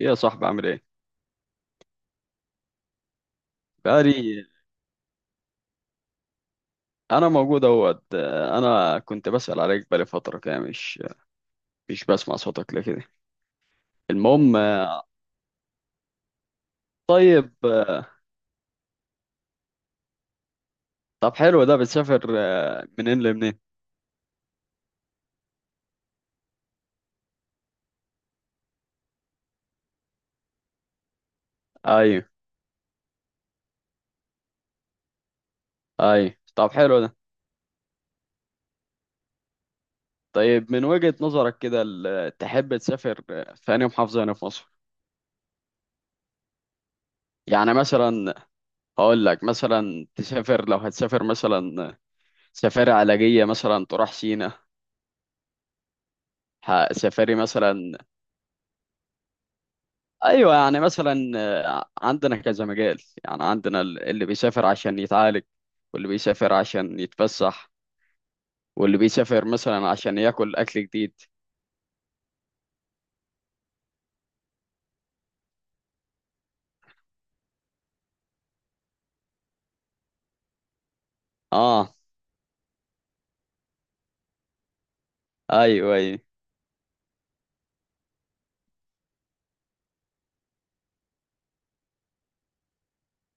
إيه يا صاحبي، عامل ايه؟ بقالي. انا موجود اهوت، انا كنت بسأل عليك بقالي فترة كده، مش بسمع صوتك ليه كده. المهم. طيب. طب حلو ده، بتسافر منين لمنين؟ ايوه، ايوه. طب حلو ده. طيب من وجهة نظرك كده، تحب تسافر في أي محافظة هنا في مصر؟ يعني مثلا، هقول لك مثلا تسافر، لو هتسافر مثلا سفاري علاجية، مثلا تروح سينا، سفاري مثلا. ايوه، يعني مثلا عندنا كذا مجال. يعني عندنا اللي بيسافر عشان يتعالج، واللي بيسافر عشان يتفسح، واللي بيسافر مثلا عشان ياكل اكل جديد. اه، ايوه، ايوه.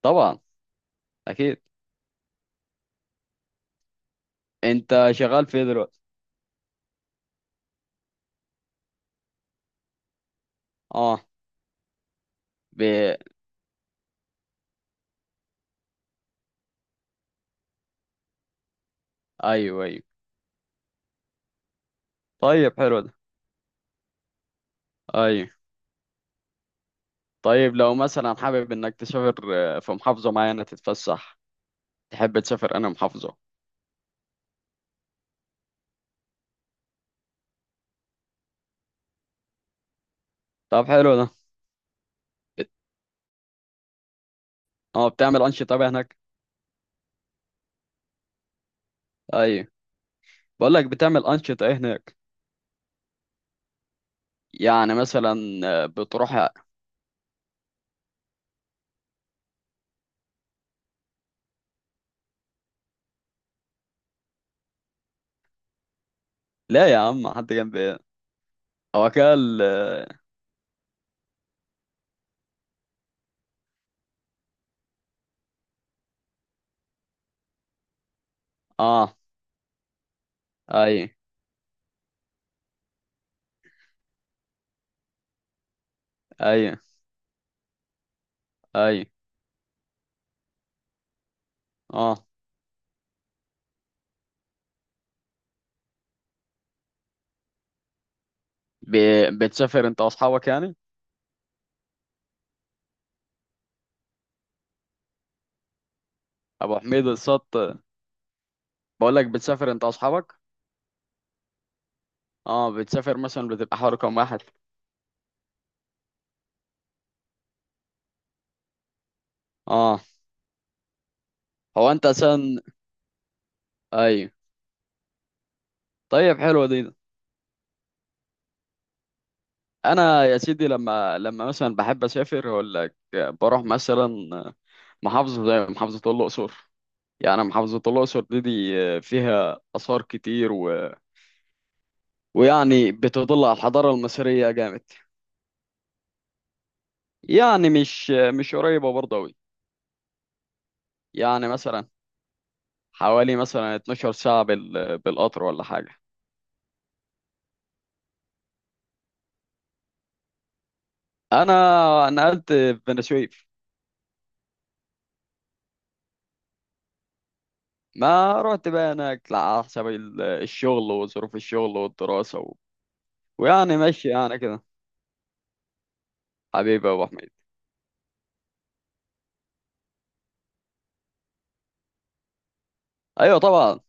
طبعا. اكيد. انت شغال في إيه دلوقتي؟ اه. ب... ايوه، ايوه. طيب، حلو ده. ايوه. طيب لو مثلا حابب انك تسافر في محافظة معينة تتفسح، تحب تسافر انا محافظة. طب حلو ده. بت- اه، بتعمل انشطة بقى هناك؟ ايوه. بقول لك، بتعمل انشطة ايه هناك؟ يعني مثلا بتروح. لا يا عم، حد جنب ايه؟ هو كده اه. آه، اي، اي، اي. اه. ب... بتسافر انت واصحابك يعني؟ ابو حميد السط. بقول لك، بتسافر انت واصحابك؟ اه، بتسافر مثلا بتبقى حوالي كام واحد؟ اه. هو انت اساسا. اي. طيب، حلوه دي. انا يا سيدي، لما مثلا بحب اسافر، اقول لك بروح مثلا محافظه زي محافظه الاقصر. يعني محافظه الاقصر دي فيها اثار كتير، ويعني بتدل على الحضارة المصرية جامد. يعني مش قريبة برضه أوي. يعني مثلا، حوالي مثلا 12 ساعة بالقطر ولا حاجة. أنا نقلت في بني سويف. ما رحت بقى هناك لا، على حسب الشغل وظروف الشغل والدراسة. و... ويعني ماشي يعني كده. حبيبي يا أبو حميد. أيوة طبعا.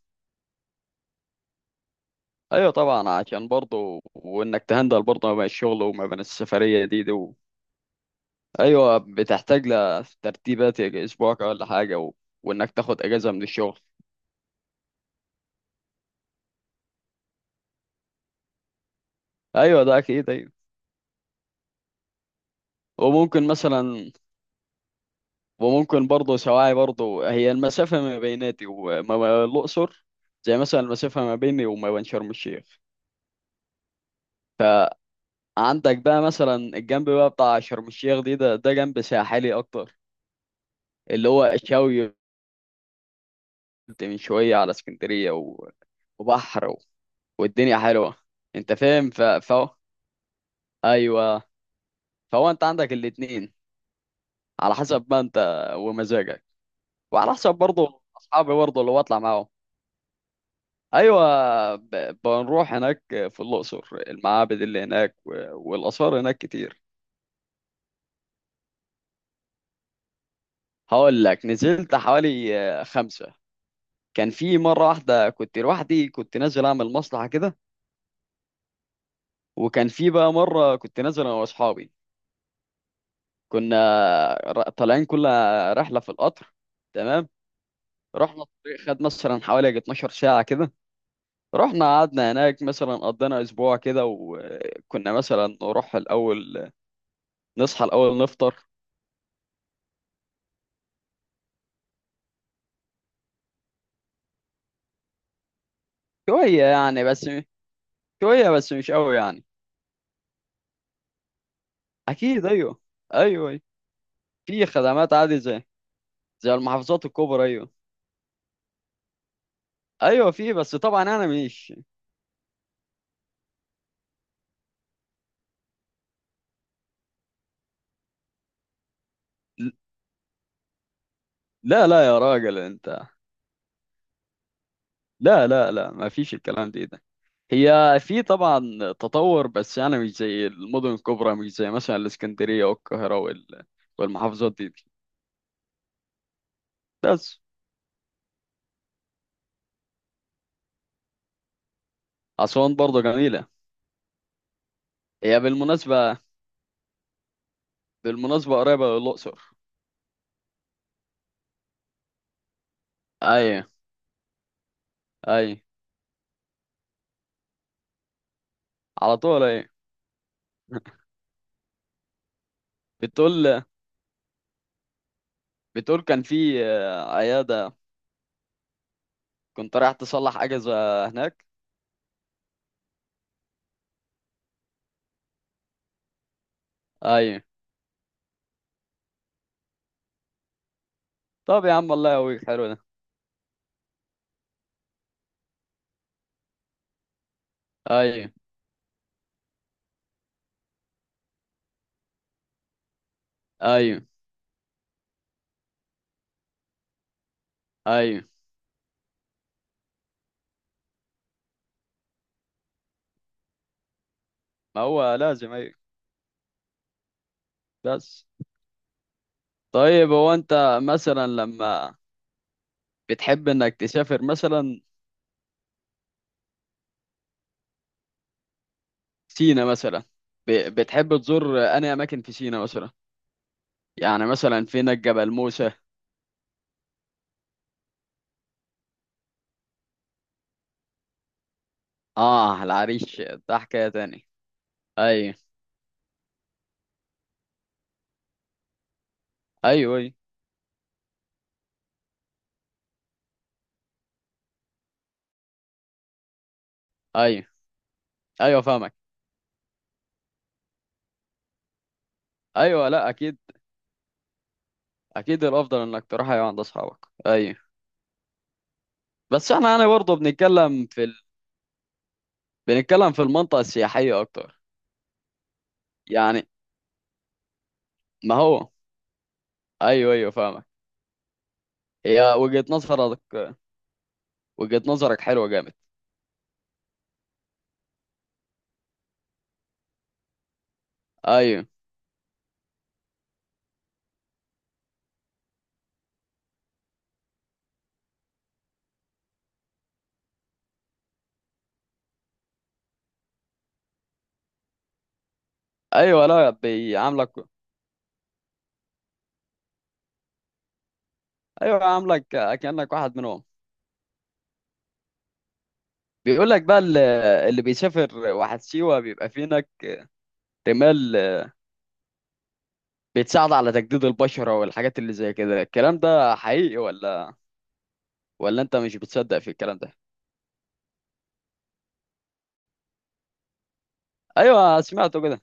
أيوة طبعا، عشان برضه وإنك تهندل برضه ما بين الشغل وما بين السفرية دي. ايوه، بتحتاج لترتيبات، يعني اسبوع ولا حاجه. و... وانك تاخد اجازه من الشغل. ايوه، ده اكيد، ايوه. وممكن مثلا، وممكن برضه سواعي برضه، هي المسافه ما بيناتي وما الاقصر زي مثلا المسافه ما بيني وما بين شرم الشيخ. فعندك بقى مثلا الجنب بقى بتاع شرم الشيخ دي، ده جنب ساحلي اكتر، اللي هو الشاوي. قلت من شويه على اسكندريه، و... وبحر، و... والدنيا حلوه. انت فاهم. ف... ف... ايوه. فهو انت عندك الاتنين، على حسب ما انت، ومزاجك، وعلى حسب برضه اصحابي برضه اللي بطلع معاهم. ايوه، بنروح هناك في الاقصر، المعابد اللي هناك والاثار هناك كتير. هقول لك، نزلت حوالي خمسه. كان في مره واحده كنت لوحدي، كنت نازل اعمل مصلحه كده. وكان في بقى مره كنت نازل انا واصحابي، كنا طالعين كل رحله في القطر. تمام. رحنا الطريق خد مثلا حوالي يجي 12 ساعه كده. رحنا قعدنا هناك مثلا قضينا اسبوع كده، وكنا مثلا نروح الاول، نصحى الاول نفطر. شويه يعني بس، شويه بس مش قوي يعني. اكيد، ايوه. ايوه، أيوة. في خدمات عادي زي زي المحافظات الكبرى، ايوه. ايوه في، بس طبعا انا مش. لا لا يا راجل انت، لا لا لا ما فيش الكلام دي ده. هي في طبعا تطور، بس انا مش زي المدن الكبرى، مش زي مثلا الاسكندريه والقاهره والمحافظات دي. بس. اسوان برضه جميله. هي بالمناسبة، بالمناسبة قريبة للأقصر. أيوة. أيوة، على طول أيوة. بتقول بتقول كان في عيادة. كنت رايح تصلح أجهزة هناك. أيوة. طب يا عم الله يقويك، حلو ده. أيوة. أيوة. أيوة، ما هو لازم، أيوة. بس. طيب هو أنت مثلا لما بتحب إنك تسافر مثلا سينا مثلا، بتحب تزور أنهي أماكن في سينا مثلا؟ يعني مثلا، فين جبل موسى؟ آه، العريش ده حكاية تاني. أيوة. ايوه، ايوه. ايوه، ايوه فاهمك. ايوه، لا اكيد. اكيد الافضل انك تروح، ايوه، عند اصحابك، ايوه. بس احنا يعني برضه بنتكلم في بنتكلم في المنطقه السياحيه اكتر يعني. ما هو. ايوه، ايوه فاهمك. هي وجهه نظرك، وجهه نظرك حلوه جامد. ايوه، ايوه، لا بيعاملك. ايوه، عاملك كانك واحد منهم. بيقول لك بقى اللي بيسافر واحد سيوه بيبقى في هناك رمال بتساعد على تجديد البشره والحاجات اللي زي كده. الكلام ده حقيقي، ولا انت مش بتصدق في الكلام ده؟ ايوه، سمعته كده.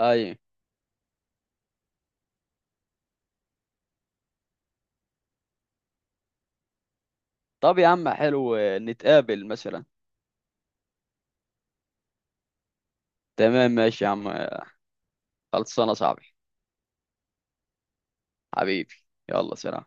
ايوه، طب يا عم حلو، نتقابل مثلا. تمام، ماشي يا عم. خلصانه صاحبي. حبيبي. يلا، سلام.